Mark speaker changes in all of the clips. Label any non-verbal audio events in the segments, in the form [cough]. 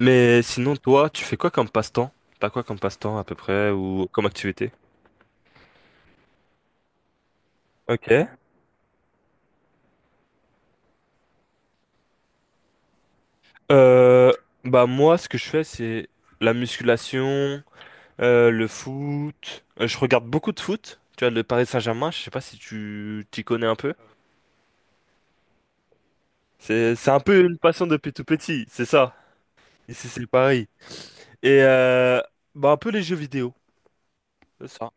Speaker 1: Mais sinon, toi, tu fais quoi comme passe-temps? T'as quoi comme passe-temps à peu près ou comme activité? Ok. Euh, Bah moi, ce que je fais, c'est la musculation, le foot. Je regarde beaucoup de foot. Tu vois, le Paris Saint-Germain, je sais pas si tu t'y connais un peu. C'est un peu une passion depuis tout petit, c'est ça. Ici, c'est Paris. Et bah un peu les jeux vidéo, c'est ça.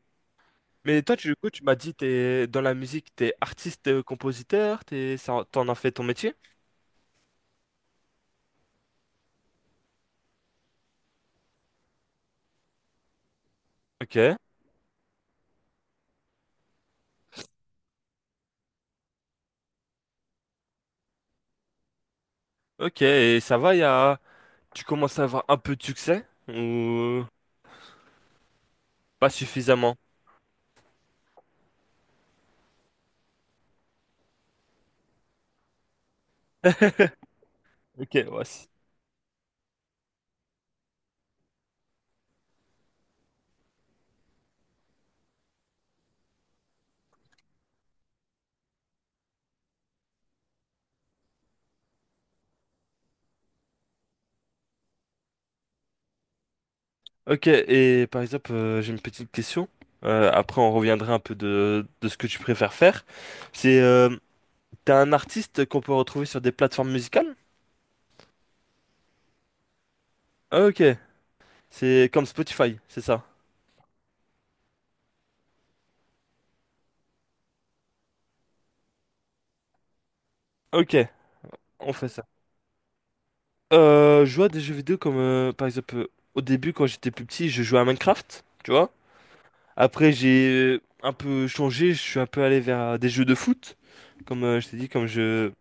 Speaker 1: Mais toi, tu, du coup, tu m'as dit, t'es dans la musique, t'es artiste, compositeur, t'es, ça- t'en as fait ton métier? Ok. Ok, et ça va, y a... tu commences à avoir un peu de succès ou pas suffisamment? Ok, ouais. C'est- Ok, et par exemple, j'ai une petite question. Après, on reviendra un peu de ce que tu préfères faire. C'est, t'es un artiste qu'on peut retrouver sur des plateformes musicales? Ok, c'est comme Spotify, c'est ça. Ok, on fait ça. Je joue à des jeux vidéo comme, par exemple, au début, quand j'étais plus petit, je jouais à Minecraft, tu vois? Après, j'ai un peu changé, je suis un peu allé vers des jeux de foot. Comme je t'ai dit, comme je,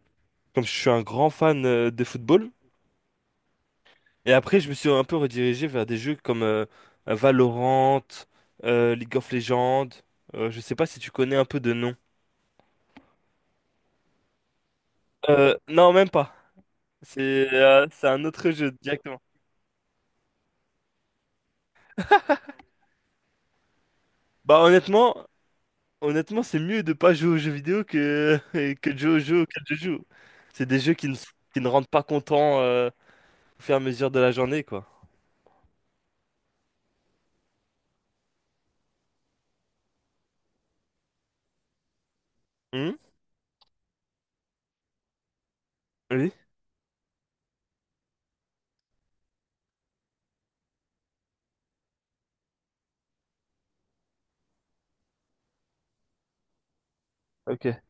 Speaker 1: comme je suis un grand fan de football. Et après, je me suis un peu redirigé vers des jeux comme Valorant, League of Legends. Je sais pas si tu connais un peu de nom. Non, même pas. C'est un autre jeu directement. Bah honnêtement, honnêtement, c'est mieux de pas jouer aux jeux vidéo que [laughs] que de jouer aux jeux auxquels je joue. C'est des jeux qui ne rendent pas content au fur et à mesure de la journée, quoi. Hmm. Oui? Ok.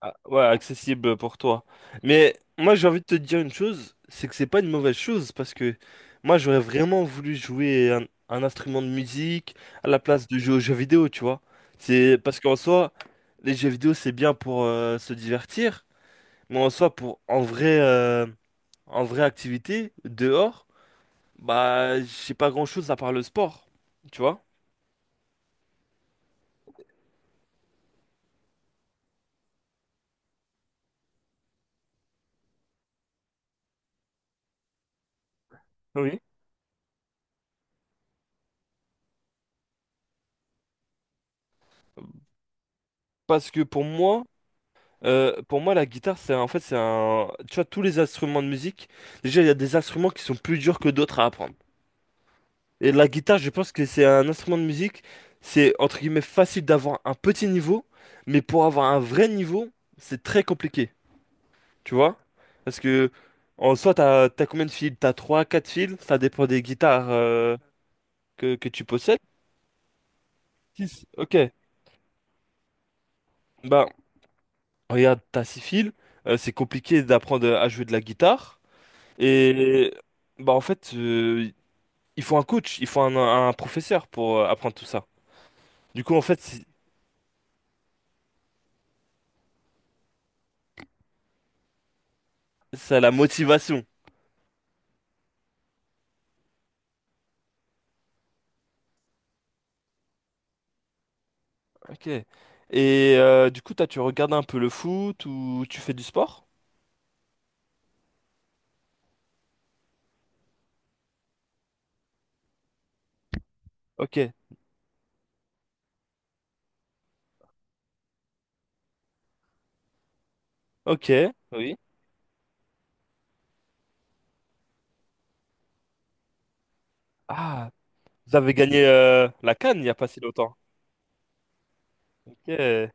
Speaker 1: Ah, ouais, accessible pour toi. Mais moi, j'ai envie de te dire une chose, c'est que c'est pas une mauvaise chose, parce que moi, j'aurais vraiment voulu jouer un instrument de musique à la place de jouer aux jeux vidéo, tu vois. C'est parce qu'en soi, les jeux vidéo, c'est bien pour se divertir, mais en soi, pour en vrai, en vraie activité, dehors, bah, j'ai pas grand-chose à part le sport, tu vois. Oui. Parce que pour moi, la guitare, c'est un- en fait, c'est un. Tu vois, tous les instruments de musique, déjà, il y a des instruments qui sont plus durs que d'autres à apprendre. Et la guitare, je pense que c'est un instrument de musique, c'est entre guillemets facile d'avoir un petit niveau, mais pour avoir un vrai niveau, c'est très compliqué. Tu vois? Parce que en soi, t'as combien de fils? T'as 3, 4 fils, ça dépend des guitares que tu possèdes. 6. Ok. Bah, regarde, t'as 6 fils, c'est compliqué d'apprendre à jouer de la guitare. Et bah en fait, il faut un coach, il faut un professeur pour apprendre tout ça. Du coup, en fait, c'est ça la motivation. Ok. Et du coup, toi, tu regardes un peu le foot ou tu fais du sport? Ok. Ok. Oui. Ah, vous avez gagné la CAN il n'y a pas si longtemps. Ok.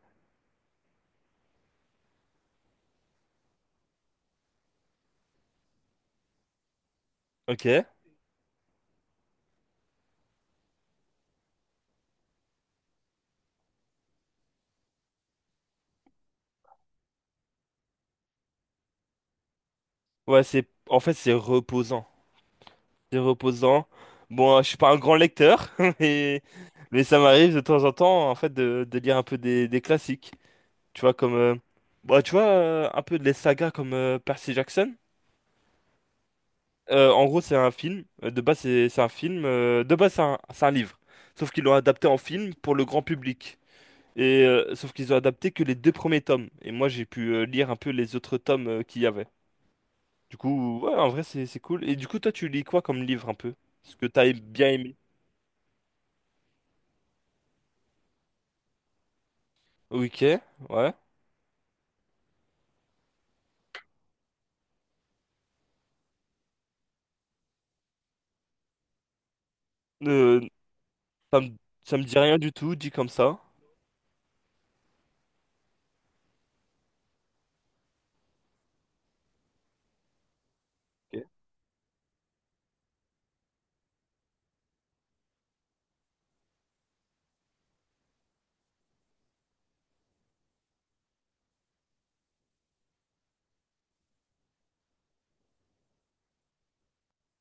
Speaker 1: Ok. Ouais, c'est en fait c'est reposant. C'est reposant. Bon, je suis pas un grand lecteur, [laughs] mais mais ça m'arrive de temps en temps en fait de lire un peu des classiques. Tu vois, comme. Bah, tu vois, un peu de les sagas comme Percy Jackson. En gros, c'est un film. De base, c'est un film. De base, c'est un livre. Sauf qu'ils l'ont adapté en film pour le grand public. Et sauf qu'ils ont adapté que les deux premiers tomes. Et moi, j'ai pu lire un peu les autres tomes qu'il y avait. Du coup, ouais, en vrai, c'est cool. Et du coup, toi, tu lis quoi comme livre un peu? Ce que t'as bien aimé. Ok, ouais. Euh, ça me, ça me dit rien du tout, dit comme ça. Ok.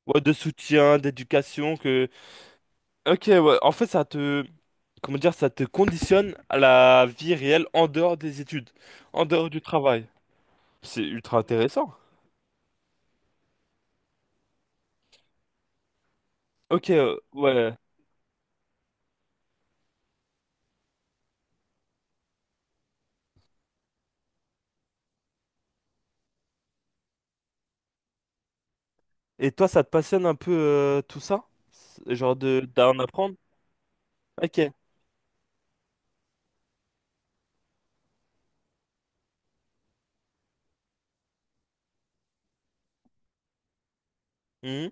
Speaker 1: Ouais, de soutien, d'éducation, que Ok, ouais. En fait, ça te, comment dire, ça te conditionne à la vie réelle en dehors des études, en dehors du travail. C'est ultra intéressant. Ok, ouais. Et toi, ça te passionne un peu tout ça? C'est- Genre de d'en apprendre? Ok. Mhm.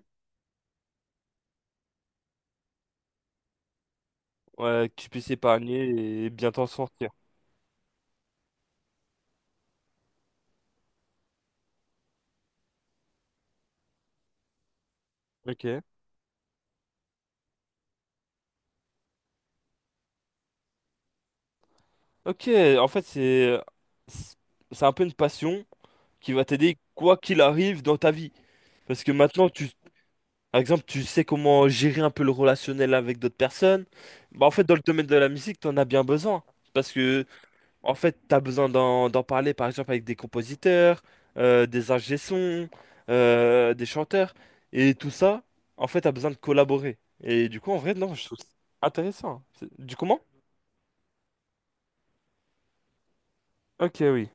Speaker 1: Ouais, que tu puisses épargner et bien t'en sortir. Ok. Ok, en fait, c'est un peu une passion qui va t'aider quoi qu'il arrive dans ta vie. Parce que maintenant, tu, Par exemple, tu sais comment gérer un peu le relationnel avec d'autres personnes. Bah, en fait, dans le domaine de la musique, t'en as bien besoin. Parce que, en fait, t'as besoin d'en d'en parler, par exemple, avec des compositeurs, des ingé sons, des chanteurs. Et tout ça, en fait, t'as besoin de collaborer. Et du coup, en vrai, non, je trouve ça intéressant. C'est- Du comment? Ok, oui.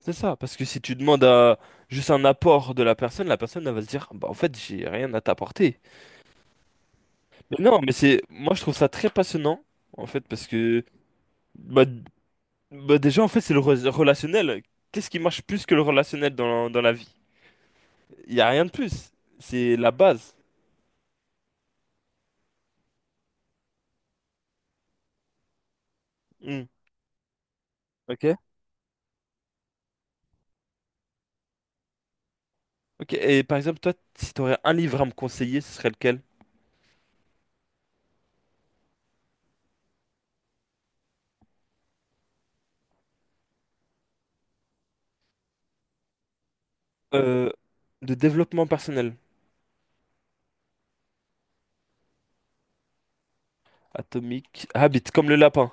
Speaker 1: C'est ça. Parce que si tu demandes à juste un apport de la personne, elle va se dire, bah, en fait, j'ai rien à t'apporter. Mais non, mais c'est, moi, je trouve ça très passionnant, en fait, parce que. Bah, bah déjà, en fait, c'est le re- relationnel. Qu'est-ce qui marche plus que le relationnel dans, dans la vie? Il n'y a rien de plus. C'est la base. Hmm. Ok. Ok. Et par exemple, toi, si tu aurais un livre à me conseiller, ce serait lequel? Euh, de développement personnel. Atomique. Habit, comme le lapin.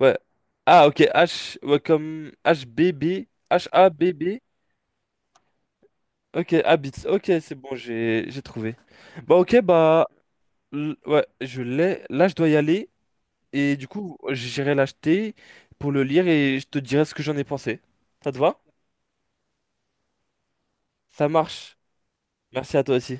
Speaker 1: Ouais. Ah, ok. H, ouais, comme h b b H-A-B-B. Ok, Habit. Ok, c'est bon, j'ai trouvé. Bah, ok, bah, l- ouais, je l'ai. Là, je dois y aller. Et du coup, j'irai l'acheter pour le lire et je te dirai ce que j'en ai pensé. Ça te va? Ça marche. Merci à toi aussi.